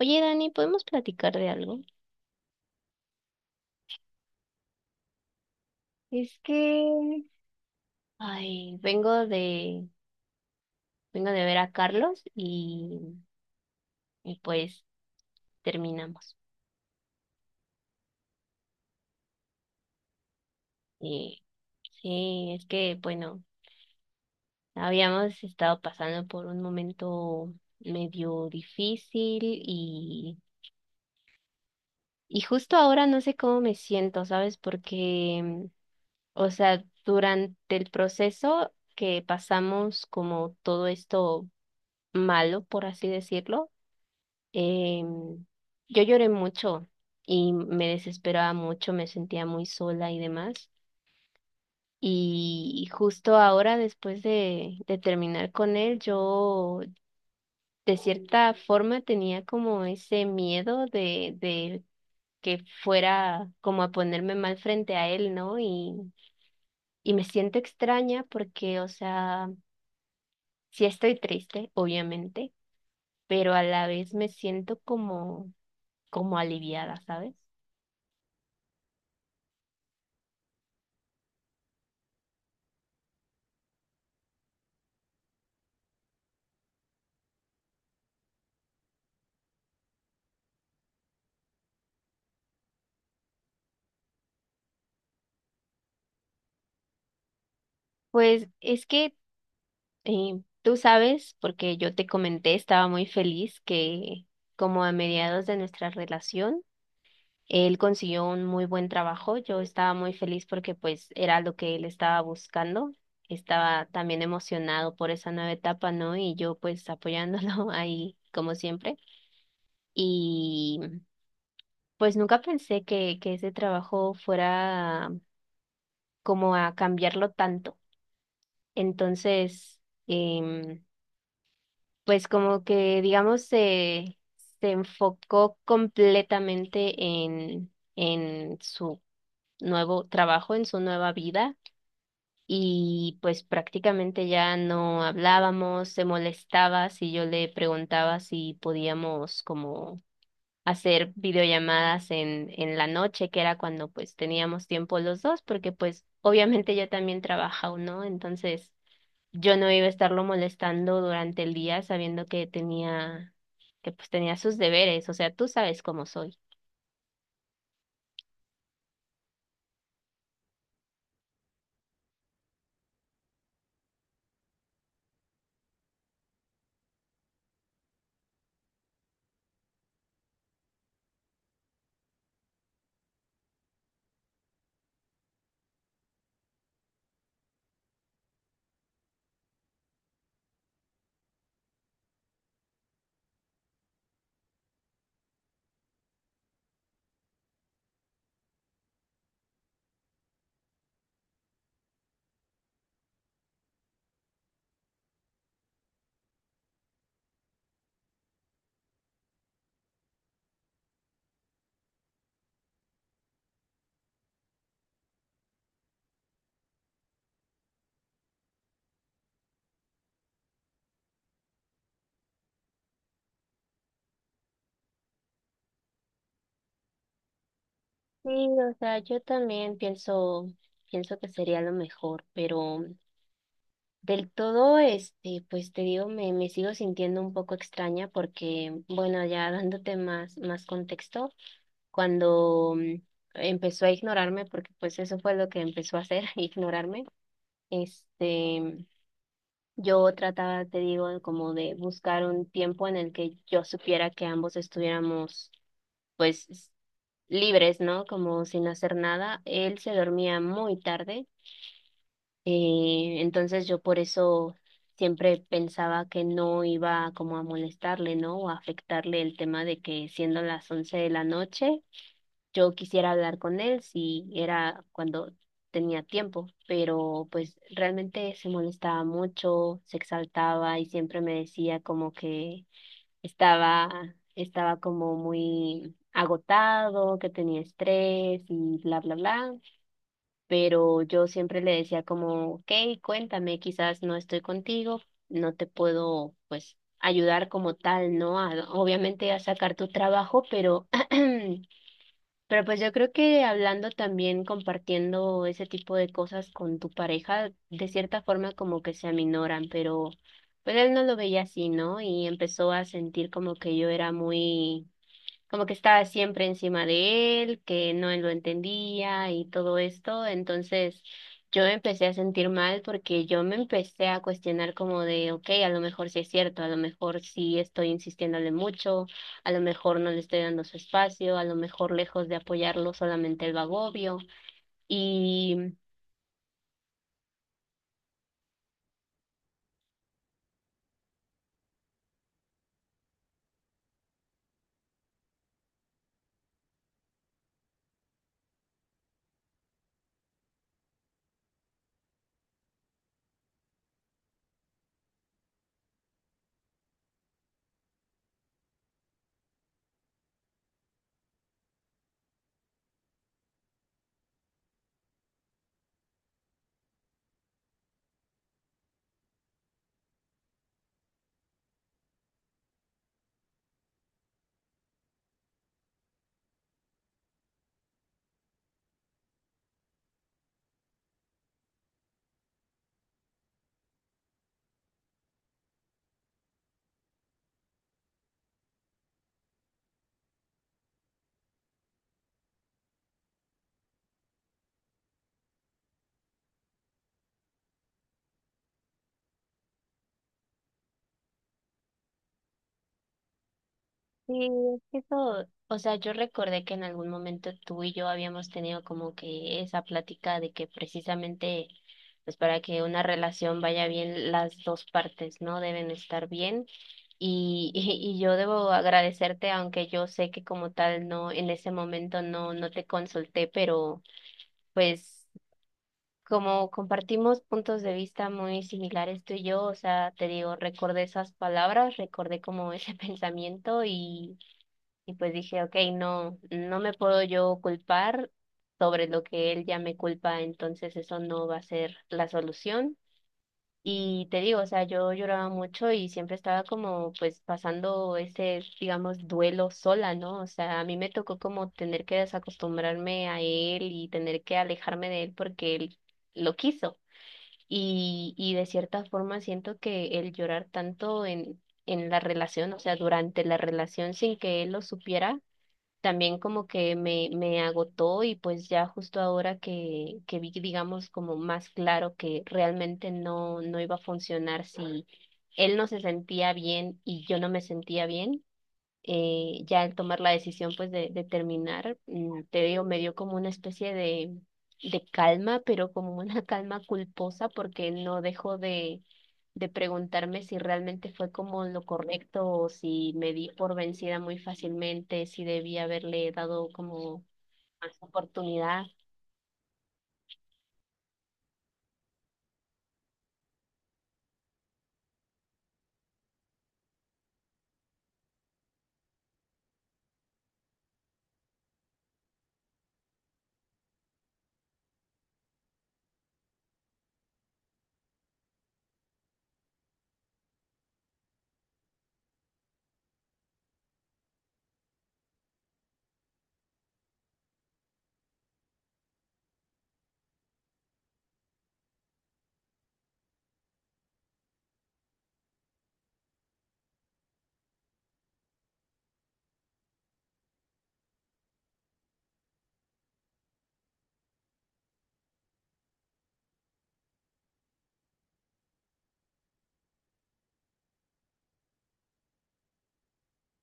Oye, Dani, ¿podemos platicar de algo? Es que, ay, vengo de ver a Carlos y pues terminamos. Y sí, es que, bueno, habíamos estado pasando por un momento medio difícil y justo ahora no sé cómo me siento, ¿sabes? Porque, o sea, durante el proceso que pasamos como todo esto malo, por así decirlo, Em, yo lloré mucho y me desesperaba mucho, me sentía muy sola y demás. Y justo ahora, después de terminar con él, yo de cierta forma tenía como ese miedo de que fuera como a ponerme mal frente a él, ¿no? Y me siento extraña porque, o sea, sí estoy triste, obviamente, pero a la vez me siento como aliviada, ¿sabes? Pues es que tú sabes, porque yo te comenté, estaba muy feliz que como a mediados de nuestra relación, él consiguió un muy buen trabajo. Yo estaba muy feliz porque pues era lo que él estaba buscando. Estaba también emocionado por esa nueva etapa, ¿no? Y yo pues apoyándolo ahí como siempre. Y pues nunca pensé que ese trabajo fuera como a cambiarlo tanto. Entonces... em, pues como que, digamos, se enfocó completamente en su nuevo trabajo, en su nueva vida, y pues prácticamente ya no hablábamos, se molestaba si yo le preguntaba si podíamos como hacer videollamadas en la noche, que era cuando pues teníamos tiempo los dos, porque pues obviamente ella también trabaja, ¿no? Entonces yo no iba a estarlo molestando durante el día sabiendo que tenía, que pues tenía sus deberes, o sea, tú sabes cómo soy. Sí, o sea, yo también pienso que sería lo mejor, pero del todo, este, pues te digo, me sigo sintiendo un poco extraña porque, bueno, ya dándote más contexto, cuando empezó a ignorarme, porque pues eso fue lo que empezó a hacer, ignorarme, este. Yo trataba, te digo, como de buscar un tiempo en el que yo supiera que ambos estuviéramos, pues, libres, ¿no? Como sin hacer nada. Él se dormía muy tarde, entonces yo por eso siempre pensaba que no iba como a molestarle, ¿no? O a afectarle el tema de que siendo las once de la noche. Yo quisiera hablar con él si era cuando tenía tiempo, pero pues realmente se molestaba mucho, se exaltaba y siempre me decía como que estaba, estaba como muy agotado, que tenía estrés y bla, bla, bla. Pero yo siempre le decía como, ok, cuéntame, quizás no estoy contigo, no te puedo pues ayudar como tal, ¿no? A- obviamente a sacar tu trabajo, pero... pero pues yo creo que hablando también, compartiendo ese tipo de cosas con tu pareja, de cierta forma como que se aminoran, pero pues él no lo veía así, ¿no? Y empezó a sentir como que yo era muy como que estaba siempre encima de él, que no lo entendía y todo esto. Entonces yo me empecé a sentir mal porque yo me empecé a cuestionar como de, ok, a lo mejor sí es cierto, a lo mejor sí estoy insistiéndole mucho, a lo mejor no le estoy dando su espacio, a lo mejor lejos de apoyarlo solamente el agobio. Sí, es que eso, o sea, yo recordé que en algún momento tú y yo habíamos tenido como que esa plática de que precisamente, pues para que una relación vaya bien, las dos partes, ¿no? Deben estar bien. Y, y yo debo agradecerte, aunque yo sé que como tal no, en ese momento no te consulté, pero pues como compartimos puntos de vista muy similares tú y yo, o sea, te digo, recordé esas palabras, recordé como ese pensamiento y pues dije, ok, no me puedo yo culpar sobre lo que él ya me culpa, entonces eso no va a ser la solución. Y te digo, o sea, yo lloraba mucho y siempre estaba como pues pasando ese, digamos, duelo sola, ¿no? O sea, a mí me tocó como tener que desacostumbrarme a él y tener que alejarme de él porque él lo quiso. Y de cierta forma siento que el llorar tanto en la relación, o sea, durante la relación sin que él lo supiera, también como que me agotó y pues ya justo ahora que vi, digamos, como más claro que realmente no iba a funcionar si él no se sentía bien y yo no me sentía bien, ya al tomar la decisión pues de terminar, te digo, me dio como una especie de calma, pero como una calma culposa porque no dejo de preguntarme si realmente fue como lo correcto o si me di por vencida muy fácilmente, si debía haberle dado como más oportunidad.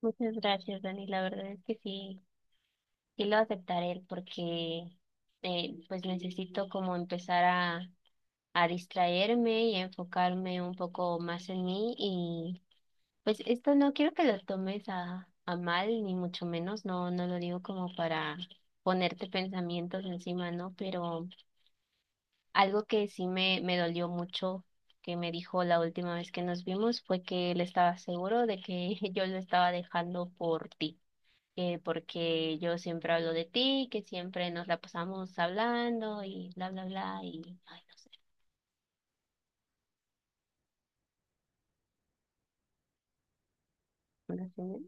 Muchas gracias, Dani. La verdad es que sí, sí lo aceptaré porque pues necesito como empezar a distraerme y a enfocarme un poco más en mí y pues esto no quiero que lo tomes a mal ni mucho menos, no, no lo digo como para ponerte pensamientos encima, ¿no? Pero algo que sí me dolió mucho que me dijo la última vez que nos vimos fue que él estaba seguro de que yo lo estaba dejando por ti. Eh, porque yo siempre hablo de ti, que siempre nos la pasamos hablando y bla, bla, bla, y ay, no sé. Una